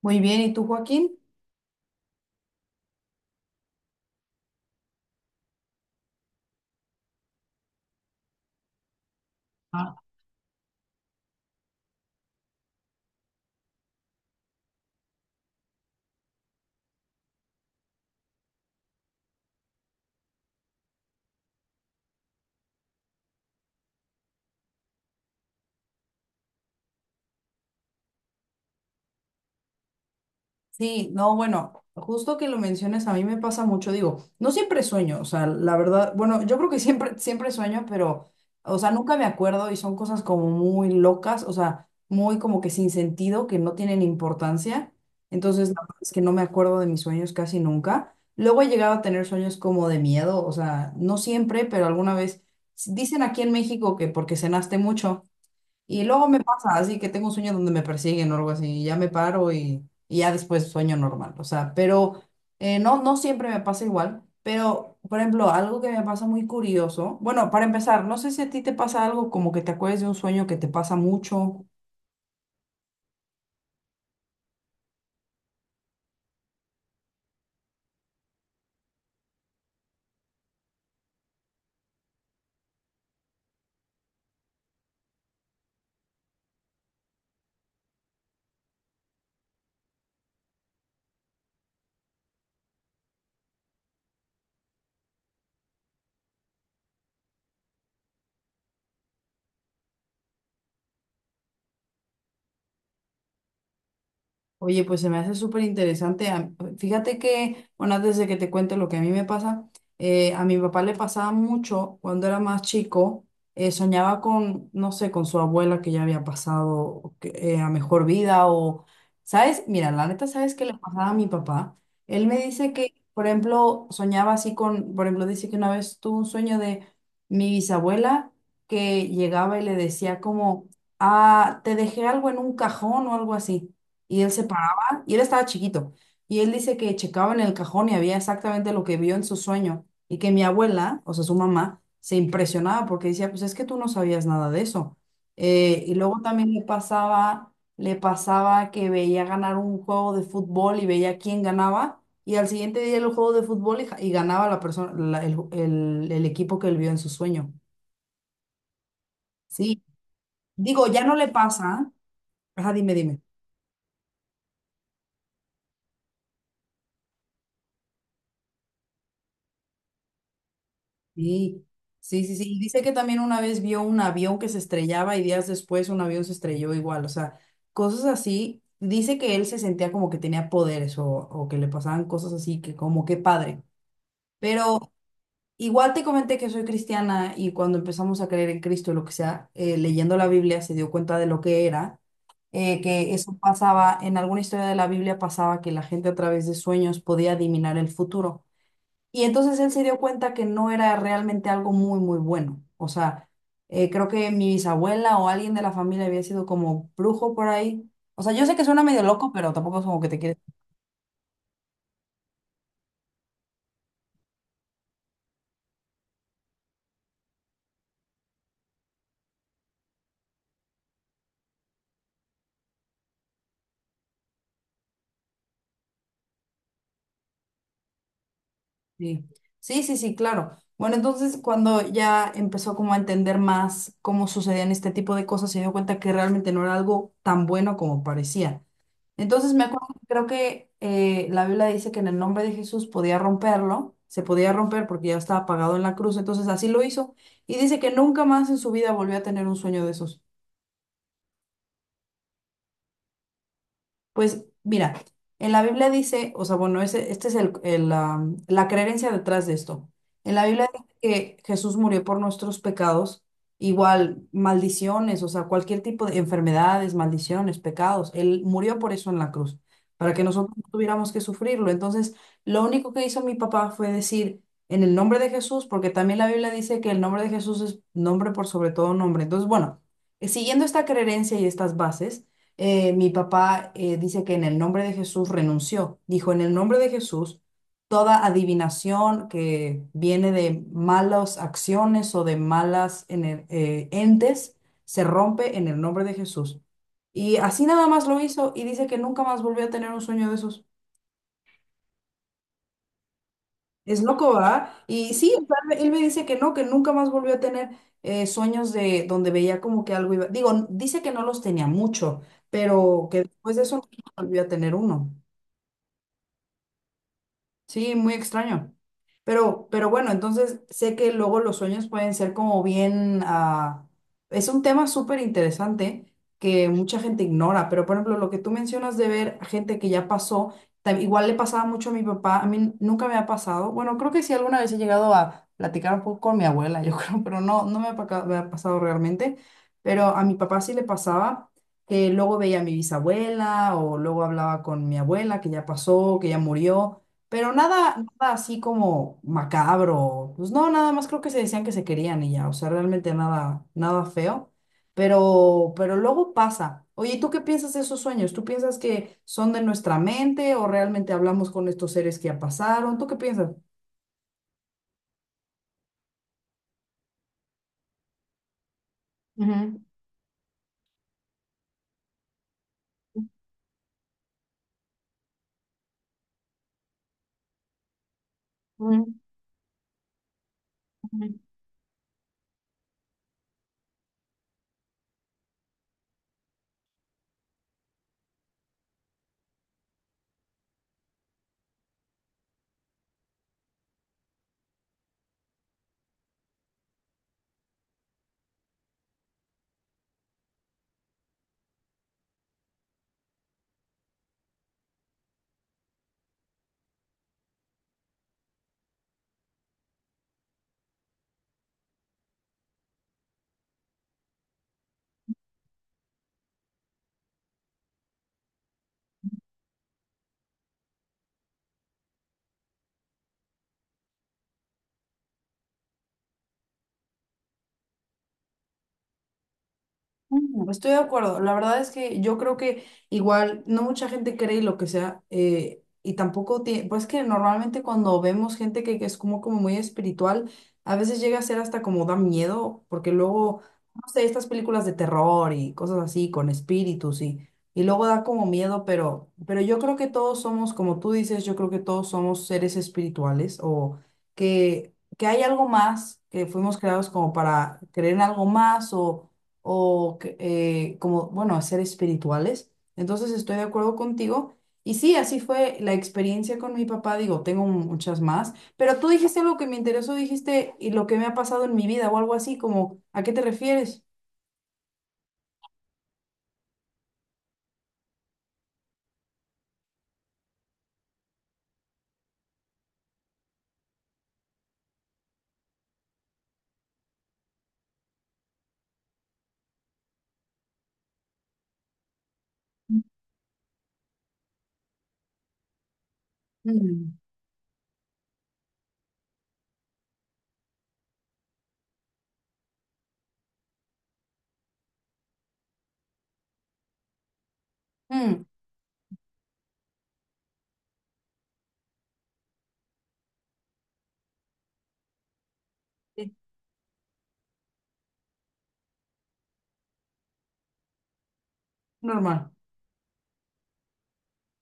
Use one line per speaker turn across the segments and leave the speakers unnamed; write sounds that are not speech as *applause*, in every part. Muy bien, ¿y tú, Joaquín? Ah, sí, no, bueno, justo que lo menciones, a mí me pasa mucho, digo, no siempre sueño, o sea, la verdad, bueno, yo creo que siempre sueño, pero, o sea, nunca me acuerdo y son cosas como muy locas, o sea, muy como que sin sentido, que no tienen importancia, entonces la verdad es que no me acuerdo de mis sueños casi nunca. Luego he llegado a tener sueños como de miedo, o sea, no siempre, pero alguna vez, dicen aquí en México que porque cenaste mucho. Y luego me pasa así que tengo un sueño donde me persiguen o algo así, y ya me paro y ya después sueño normal. O sea, pero no, no siempre me pasa igual. Pero, por ejemplo, algo que me pasa muy curioso. Bueno, para empezar, no sé si a ti te pasa algo como que te acuerdes de un sueño que te pasa mucho. Oye, pues se me hace súper interesante. Fíjate que, bueno, antes de que te cuente lo que a mí me pasa, a mi papá le pasaba mucho cuando era más chico, soñaba con, no sé, con su abuela que ya había pasado a mejor vida o, ¿sabes? Mira, la neta, ¿sabes qué le pasaba a mi papá? Él me dice que, por ejemplo, soñaba así con, por ejemplo, dice que una vez tuvo un sueño de mi bisabuela que llegaba y le decía como, ah, te dejé algo en un cajón o algo así. Y él se paraba, y él estaba chiquito, y él dice que checaba en el cajón y había exactamente lo que vio en su sueño, y que mi abuela, o sea, su mamá, se impresionaba porque decía, pues es que tú no sabías nada de eso. Y luego también le pasaba que veía ganar un juego de fútbol y veía quién ganaba, y al siguiente día el juego de fútbol y ganaba la persona, el, el equipo que él vio en su sueño. Sí, digo, ya no le pasa. Ajá, dime, dime. Sí, sí, sí, sí. Y dice que también una vez vio un avión que se estrellaba y días después un avión se estrelló igual, o sea, cosas así. Dice que él se sentía como que tenía poderes o que le pasaban cosas así, que como que padre. Pero igual te comenté que soy cristiana y cuando empezamos a creer en Cristo y lo que sea, leyendo la Biblia se dio cuenta de lo que era, que eso pasaba, en alguna historia de la Biblia pasaba que la gente a través de sueños podía adivinar el futuro. Y entonces él se dio cuenta que no era realmente algo muy bueno. O sea, creo que mi bisabuela o alguien de la familia había sido como brujo por ahí. O sea, yo sé que suena medio loco, pero tampoco es como que te quieres. Sí, sí, sí, sí, claro. Bueno, entonces cuando ya empezó como a entender más cómo sucedían este tipo de cosas, se dio cuenta que realmente no era algo tan bueno como parecía. Entonces me acuerdo, creo que la Biblia dice que en el nombre de Jesús podía romperlo, se podía romper porque ya estaba pagado en la cruz, entonces así lo hizo. Y dice que nunca más en su vida volvió a tener un sueño de esos. Pues mira, en la Biblia dice, o sea, bueno, ese, este es el, la creencia detrás de esto. En la Biblia dice que Jesús murió por nuestros pecados, igual maldiciones, o sea, cualquier tipo de enfermedades, maldiciones, pecados. Él murió por eso en la cruz, para que nosotros no tuviéramos que sufrirlo. Entonces, lo único que hizo mi papá fue decir, en el nombre de Jesús, porque también la Biblia dice que el nombre de Jesús es nombre por sobre todo nombre. Entonces, bueno, siguiendo esta creencia y estas bases mi papá dice que en el nombre de Jesús renunció. Dijo, en el nombre de Jesús, toda adivinación que viene de malas acciones o de entes se rompe en el nombre de Jesús. Y así nada más lo hizo y dice que nunca más volvió a tener un sueño de esos. Es loco, ¿verdad? Y sí, o sea, él me dice que no, que nunca más volvió a tener sueños de donde veía como que algo iba. Digo, dice que no los tenía mucho, pero que después de eso no volvió a tener uno. Sí, muy extraño. Pero bueno, entonces sé que luego los sueños pueden ser como bien... ah, es un tema súper interesante que mucha gente ignora, pero por ejemplo, lo que tú mencionas de ver a gente que ya pasó, igual le pasaba mucho a mi papá, a mí nunca me ha pasado. Bueno, creo que sí alguna vez he llegado a platicar un poco con mi abuela, yo *laughs* creo, pero no, me ha pasado realmente. Pero a mi papá sí le pasaba que luego veía a mi bisabuela o luego hablaba con mi abuela que ya pasó, que ya murió. Pero nada, nada así como macabro. Pues no, nada más creo que se decían que se querían y ya. O sea, realmente nada, nada feo. Pero luego pasa. Oye, ¿y tú qué piensas de esos sueños? ¿Tú piensas que son de nuestra mente o realmente hablamos con estos seres que ya pasaron? ¿Tú qué piensas? Ujú, ujú. Estoy de acuerdo. La verdad es que yo creo que igual no mucha gente cree lo que sea y tampoco tiene, pues que normalmente cuando vemos gente que es como, como muy espiritual, a veces llega a ser hasta como da miedo, porque luego, no sé, estas películas de terror y cosas así con espíritus y luego da como miedo, pero yo creo que todos somos, como tú dices, yo creo que todos somos seres espirituales o que hay algo más, que fuimos creados como para creer en algo más o que, como, bueno, a ser espirituales. Entonces estoy de acuerdo contigo. Y sí, así fue la experiencia con mi papá. Digo, tengo muchas más, pero tú dijiste algo que me interesó, dijiste, y lo que me ha pasado en mi vida o algo así, como, ¿a qué te refieres? Mm. Mm, sí, normal.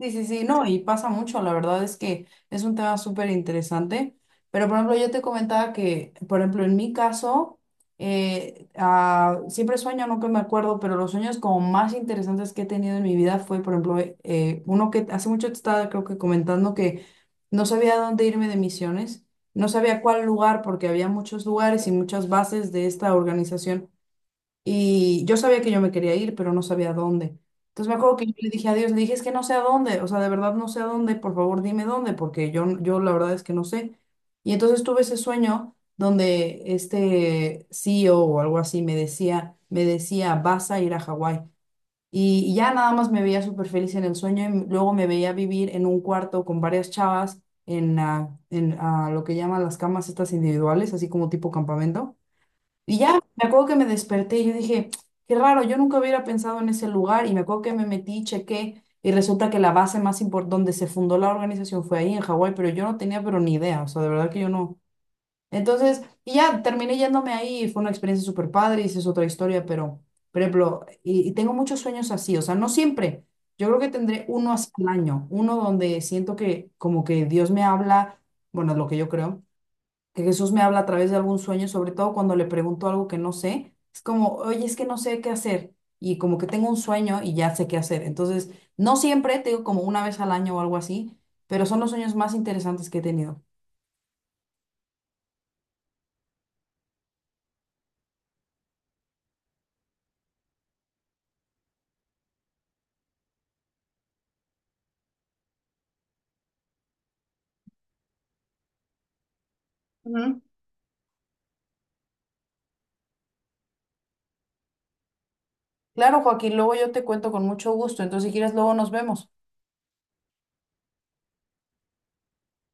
Sí, sí, sí, no, y pasa mucho, la verdad es que es un tema súper interesante, pero por ejemplo yo te comentaba que, por ejemplo, en mi caso, siempre sueño, no que me acuerdo, pero los sueños como más interesantes que he tenido en mi vida fue, por ejemplo, uno que hace mucho te estaba creo que comentando que no sabía a dónde irme de misiones, no sabía cuál lugar porque había muchos lugares y muchas bases de esta organización y yo sabía que yo me quería ir, pero no sabía a dónde. Entonces me acuerdo que yo le dije a Dios, le dije, es que no sé a dónde, o sea, de verdad no sé a dónde, por favor dime dónde, porque yo la verdad es que no sé. Y entonces tuve ese sueño donde este CEO o algo así me decía, vas a ir a Hawái. Y ya nada más me veía súper feliz en el sueño y luego me veía vivir en un cuarto con varias chavas en, lo que llaman las camas estas individuales, así como tipo campamento. Y ya, me acuerdo que me desperté y yo dije, qué raro, yo nunca hubiera pensado en ese lugar. Y me acuerdo que me metí, chequé, y resulta que la base más importante, donde se fundó la organización fue ahí en Hawái, pero yo no tenía pero ni idea, o sea, de verdad que yo no. Entonces, y ya, terminé yéndome ahí y fue una experiencia súper padre y esa es otra historia, pero, por ejemplo, y tengo muchos sueños así, o sea, no siempre. Yo creo que tendré uno así al año, uno donde siento que como que Dios me habla, bueno, es lo que yo creo que Jesús me habla a través de algún sueño, sobre todo cuando le pregunto algo que no sé, es como, oye, es que no sé qué hacer, y como que tengo un sueño y ya sé qué hacer. Entonces, no siempre, te digo como una vez al año o algo así, pero son los sueños más interesantes que he tenido. Ujú. Claro, Joaquín, luego yo te cuento con mucho gusto, entonces si quieres, luego nos vemos.